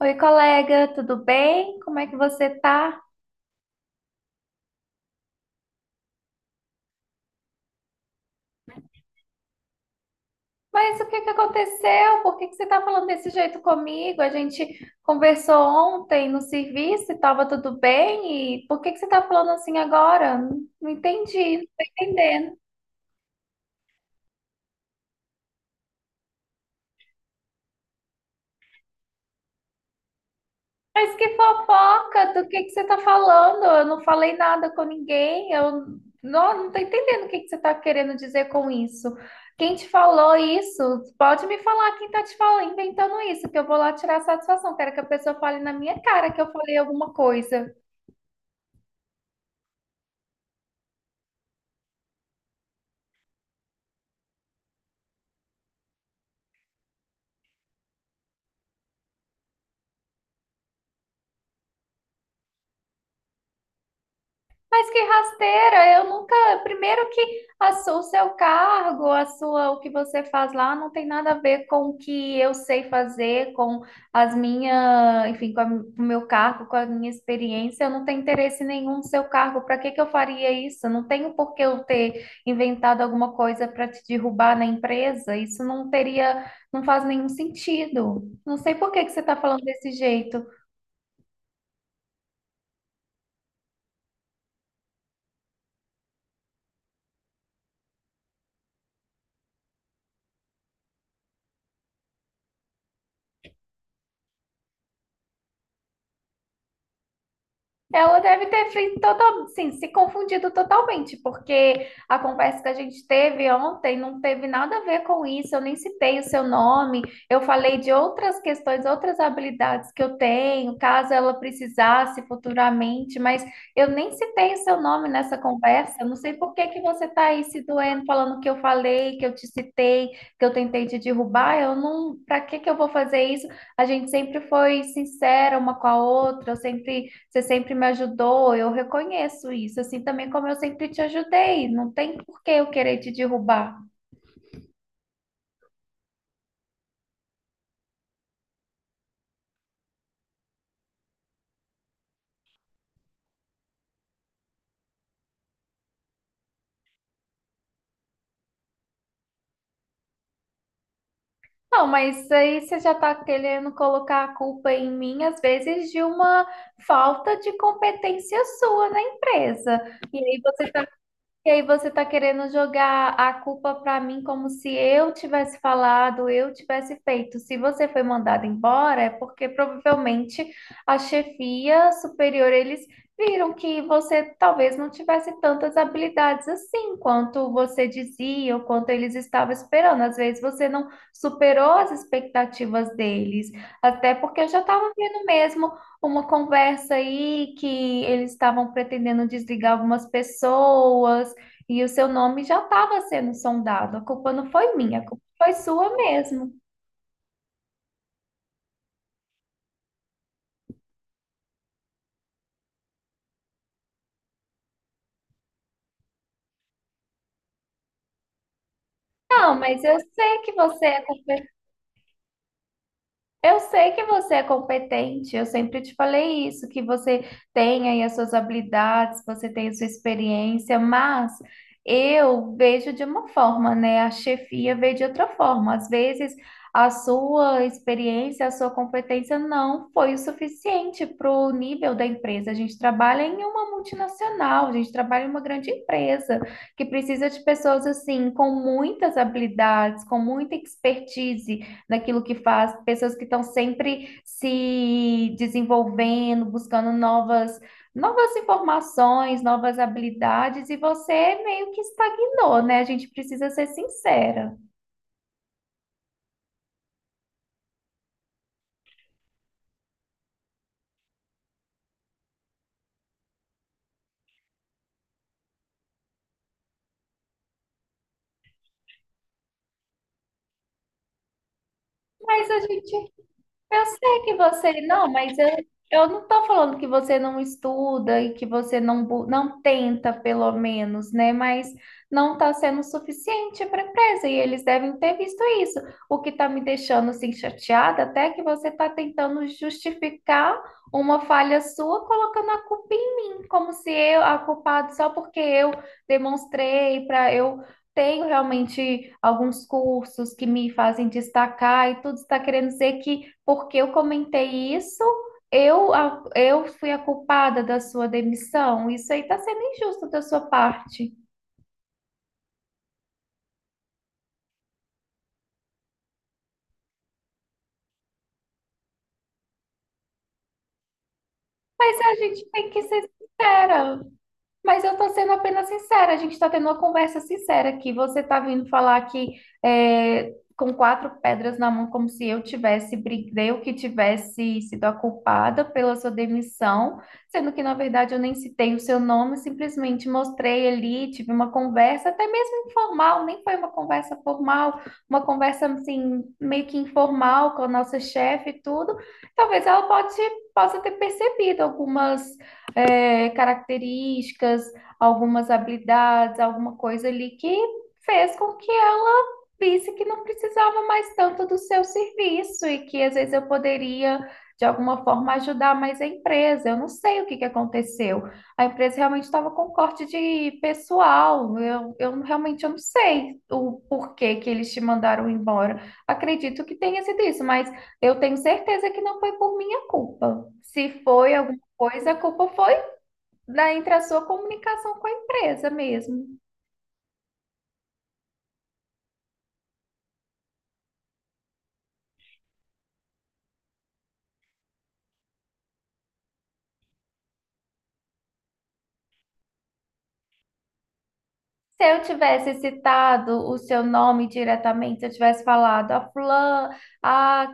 Oi, colega, tudo bem? Como é que você tá? Mas o que que aconteceu? Por que que você tá falando desse jeito comigo? A gente conversou ontem no serviço e tava tudo bem, e por que que você tá falando assim agora? Não entendi, não tô entendendo. Mas que fofoca, do que você tá falando? Eu não falei nada com ninguém, eu não tô entendendo o que que você tá querendo dizer com isso. Quem te falou isso? Pode me falar quem tá te falando, inventando isso, que eu vou lá tirar satisfação. Quero que a pessoa fale na minha cara que eu falei alguma coisa. Mas que rasteira, eu nunca. Primeiro que o seu cargo, a sua, o que você faz lá não tem nada a ver com o que eu sei fazer, com as minhas, enfim, com, com o meu cargo, com a minha experiência. Eu não tenho interesse nenhum no seu cargo. Para que que eu faria isso? Não tenho por que eu ter inventado alguma coisa para te derrubar na empresa. Isso não teria, não faz nenhum sentido. Não sei por que que você está falando desse jeito. Ela deve ter feito total, sim, se confundido totalmente, porque a conversa que a gente teve ontem não teve nada a ver com isso, eu nem citei o seu nome, eu falei de outras questões, outras habilidades que eu tenho, caso ela precisasse futuramente, mas eu nem citei o seu nome nessa conversa, eu não sei por que que você está aí se doendo, falando que eu falei, que eu te citei, que eu tentei te derrubar, eu não, para que que eu vou fazer isso? A gente sempre foi sincera uma com a outra, eu sempre você sempre me ajudou, eu reconheço isso, assim também como eu sempre te ajudei. Não tem por que eu querer te derrubar. Não, mas aí você já está querendo colocar a culpa em mim, às vezes, de uma falta de competência sua na empresa. E aí você está E aí você tá querendo jogar a culpa pra mim como se eu tivesse falado, eu tivesse feito. Se você foi mandado embora, é porque provavelmente a chefia superior, eles viram que você talvez não tivesse tantas habilidades assim quanto você dizia ou quanto eles estavam esperando. Às vezes você não superou as expectativas deles, até porque eu já estava vendo mesmo uma conversa aí que eles estavam pretendendo desligar algumas pessoas e o seu nome já estava sendo sondado. A culpa não foi minha, a culpa foi sua mesmo. Não, mas eu sei que você é. Eu sei que você é competente, eu sempre te falei isso, que você tem aí as suas habilidades, você tem a sua experiência, mas eu vejo de uma forma, né? A chefia vê de outra forma. Às vezes a sua experiência, a sua competência não foi o suficiente para o nível da empresa. A gente trabalha em uma multinacional, a gente trabalha em uma grande empresa que precisa de pessoas assim, com muitas habilidades, com muita expertise naquilo que faz, pessoas que estão sempre se desenvolvendo, buscando novas, novas informações, novas habilidades, e você meio que estagnou, né? A gente precisa ser sincera. Mas a gente eu sei que você não, mas eu não estou falando que você não estuda e que você não, não tenta, pelo menos, né? Mas não está sendo suficiente para a empresa e eles devem ter visto isso. O que está me deixando assim chateada até é que você está tentando justificar uma falha sua colocando a culpa em mim, como se eu a culpada só porque eu demonstrei para eu tenho realmente alguns cursos que me fazem destacar e tudo está querendo dizer que porque eu comentei isso, eu fui a culpada da sua demissão. Isso aí está sendo injusto da sua parte. Mas a gente tem que ser sincera. Mas eu tô sendo apenas sincera, a gente tá tendo uma conversa sincera aqui. Você tá vindo falar aqui é, com quatro pedras na mão, como se eu tivesse, eu que tivesse sido a culpada pela sua demissão, sendo que, na verdade, eu nem citei o seu nome, simplesmente mostrei ali, tive uma conversa, até mesmo informal, nem foi uma conversa formal, uma conversa, assim, meio que informal com a nossa chefe e tudo. Talvez ela pode, possa ter percebido algumas é, características, algumas habilidades, alguma coisa ali que fez com que ela visse que não precisava mais tanto do seu serviço e que às vezes eu poderia, de alguma forma, ajudar mais a empresa. Eu não sei o que que aconteceu. A empresa realmente estava com corte de pessoal. Eu realmente eu não sei o porquê que eles te mandaram embora. Acredito que tenha sido isso, mas eu tenho certeza que não foi por minha culpa. Se foi alguma coisa, a culpa foi da, entre a sua comunicação com a empresa mesmo. Se eu tivesse citado o seu nome diretamente, se eu tivesse falado a fulana, a,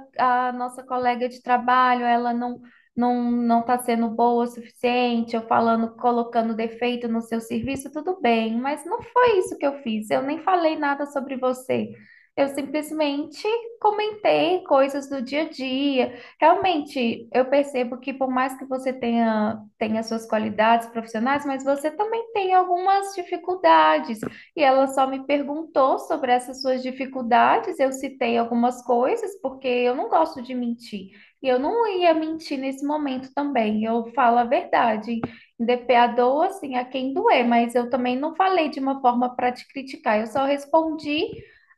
a nossa colega de trabalho, ela não está sendo boa o suficiente, eu falando, colocando defeito no seu serviço, tudo bem, mas não foi isso que eu fiz. Eu nem falei nada sobre você. Eu simplesmente comentei coisas do dia a dia. Realmente, eu percebo que por mais que você tenha tem as suas qualidades profissionais, mas você também tem algumas dificuldades. E ela só me perguntou sobre essas suas dificuldades, eu citei algumas coisas, porque eu não gosto de mentir. E eu não ia mentir nesse momento também, eu falo a verdade. DP a dor, assim, a quem doer, mas eu também não falei de uma forma para te criticar, eu só respondi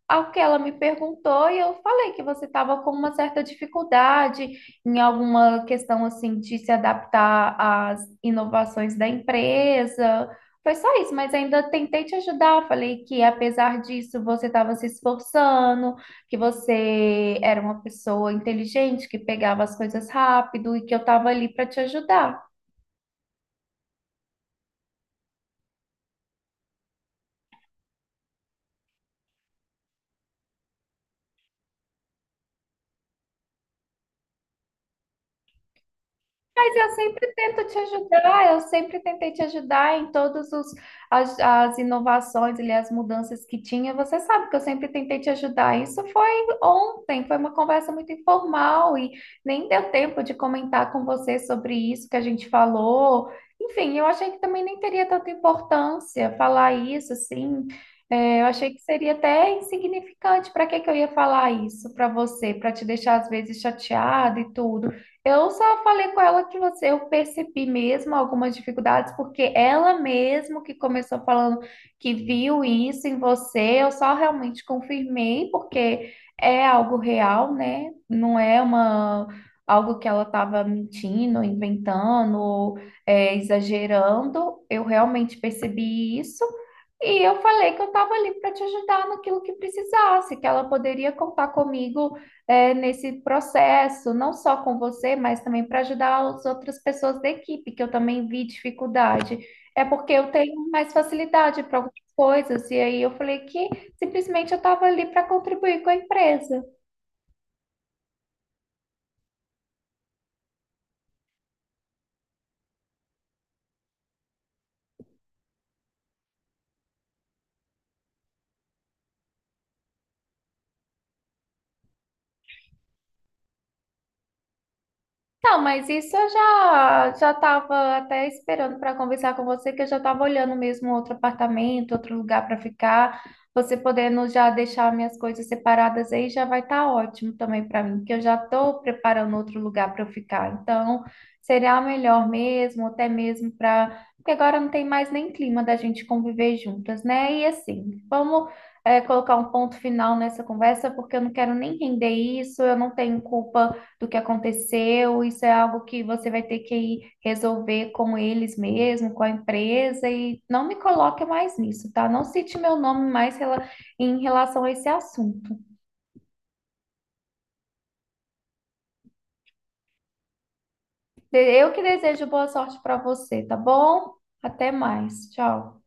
ao que ela me perguntou e eu falei que você estava com uma certa dificuldade, em alguma questão assim de se adaptar às inovações da empresa. Foi só isso, mas ainda tentei te ajudar. Falei que apesar disso você estava se esforçando, que você era uma pessoa inteligente, que pegava as coisas rápido e que eu estava ali para te ajudar. Mas eu sempre tento te ajudar, eu sempre tentei te ajudar em as inovações e as mudanças que tinha. Você sabe que eu sempre tentei te ajudar. Isso foi ontem, foi uma conversa muito informal e nem deu tempo de comentar com você sobre isso que a gente falou. Enfim, eu achei que também nem teria tanta importância falar isso, assim. É, eu achei que seria até insignificante. Para que que eu ia falar isso para você? Para te deixar às vezes chateado e tudo. Eu só falei com ela que você, eu percebi mesmo algumas dificuldades, porque ela mesmo que começou falando que viu isso em você, eu só realmente confirmei, porque é algo real, né? Não é uma algo que ela estava mentindo, inventando, ou, é, exagerando. Eu realmente percebi isso. E eu falei que eu estava ali para te ajudar naquilo que precisasse, que ela poderia contar comigo é, nesse processo, não só com você, mas também para ajudar as outras pessoas da equipe, que eu também vi dificuldade. É porque eu tenho mais facilidade para algumas coisas, e aí eu falei que simplesmente eu estava ali para contribuir com a empresa. Não, mas isso eu já estava até esperando para conversar com você, que eu já estava olhando mesmo outro apartamento, outro lugar para ficar. Você podendo já deixar minhas coisas separadas aí já vai estar ótimo também para mim, porque eu já estou preparando outro lugar para eu ficar. Então, seria melhor mesmo, até mesmo para. Porque agora não tem mais nem clima da gente conviver juntas, né? E assim, vamos. Colocar um ponto final nessa conversa, porque eu não quero nem render isso, eu não tenho culpa do que aconteceu, isso é algo que você vai ter que ir resolver com eles mesmo, com a empresa, e não me coloque mais nisso, tá? Não cite meu nome mais em relação a esse assunto. Eu que desejo boa sorte para você, tá bom? Até mais. Tchau.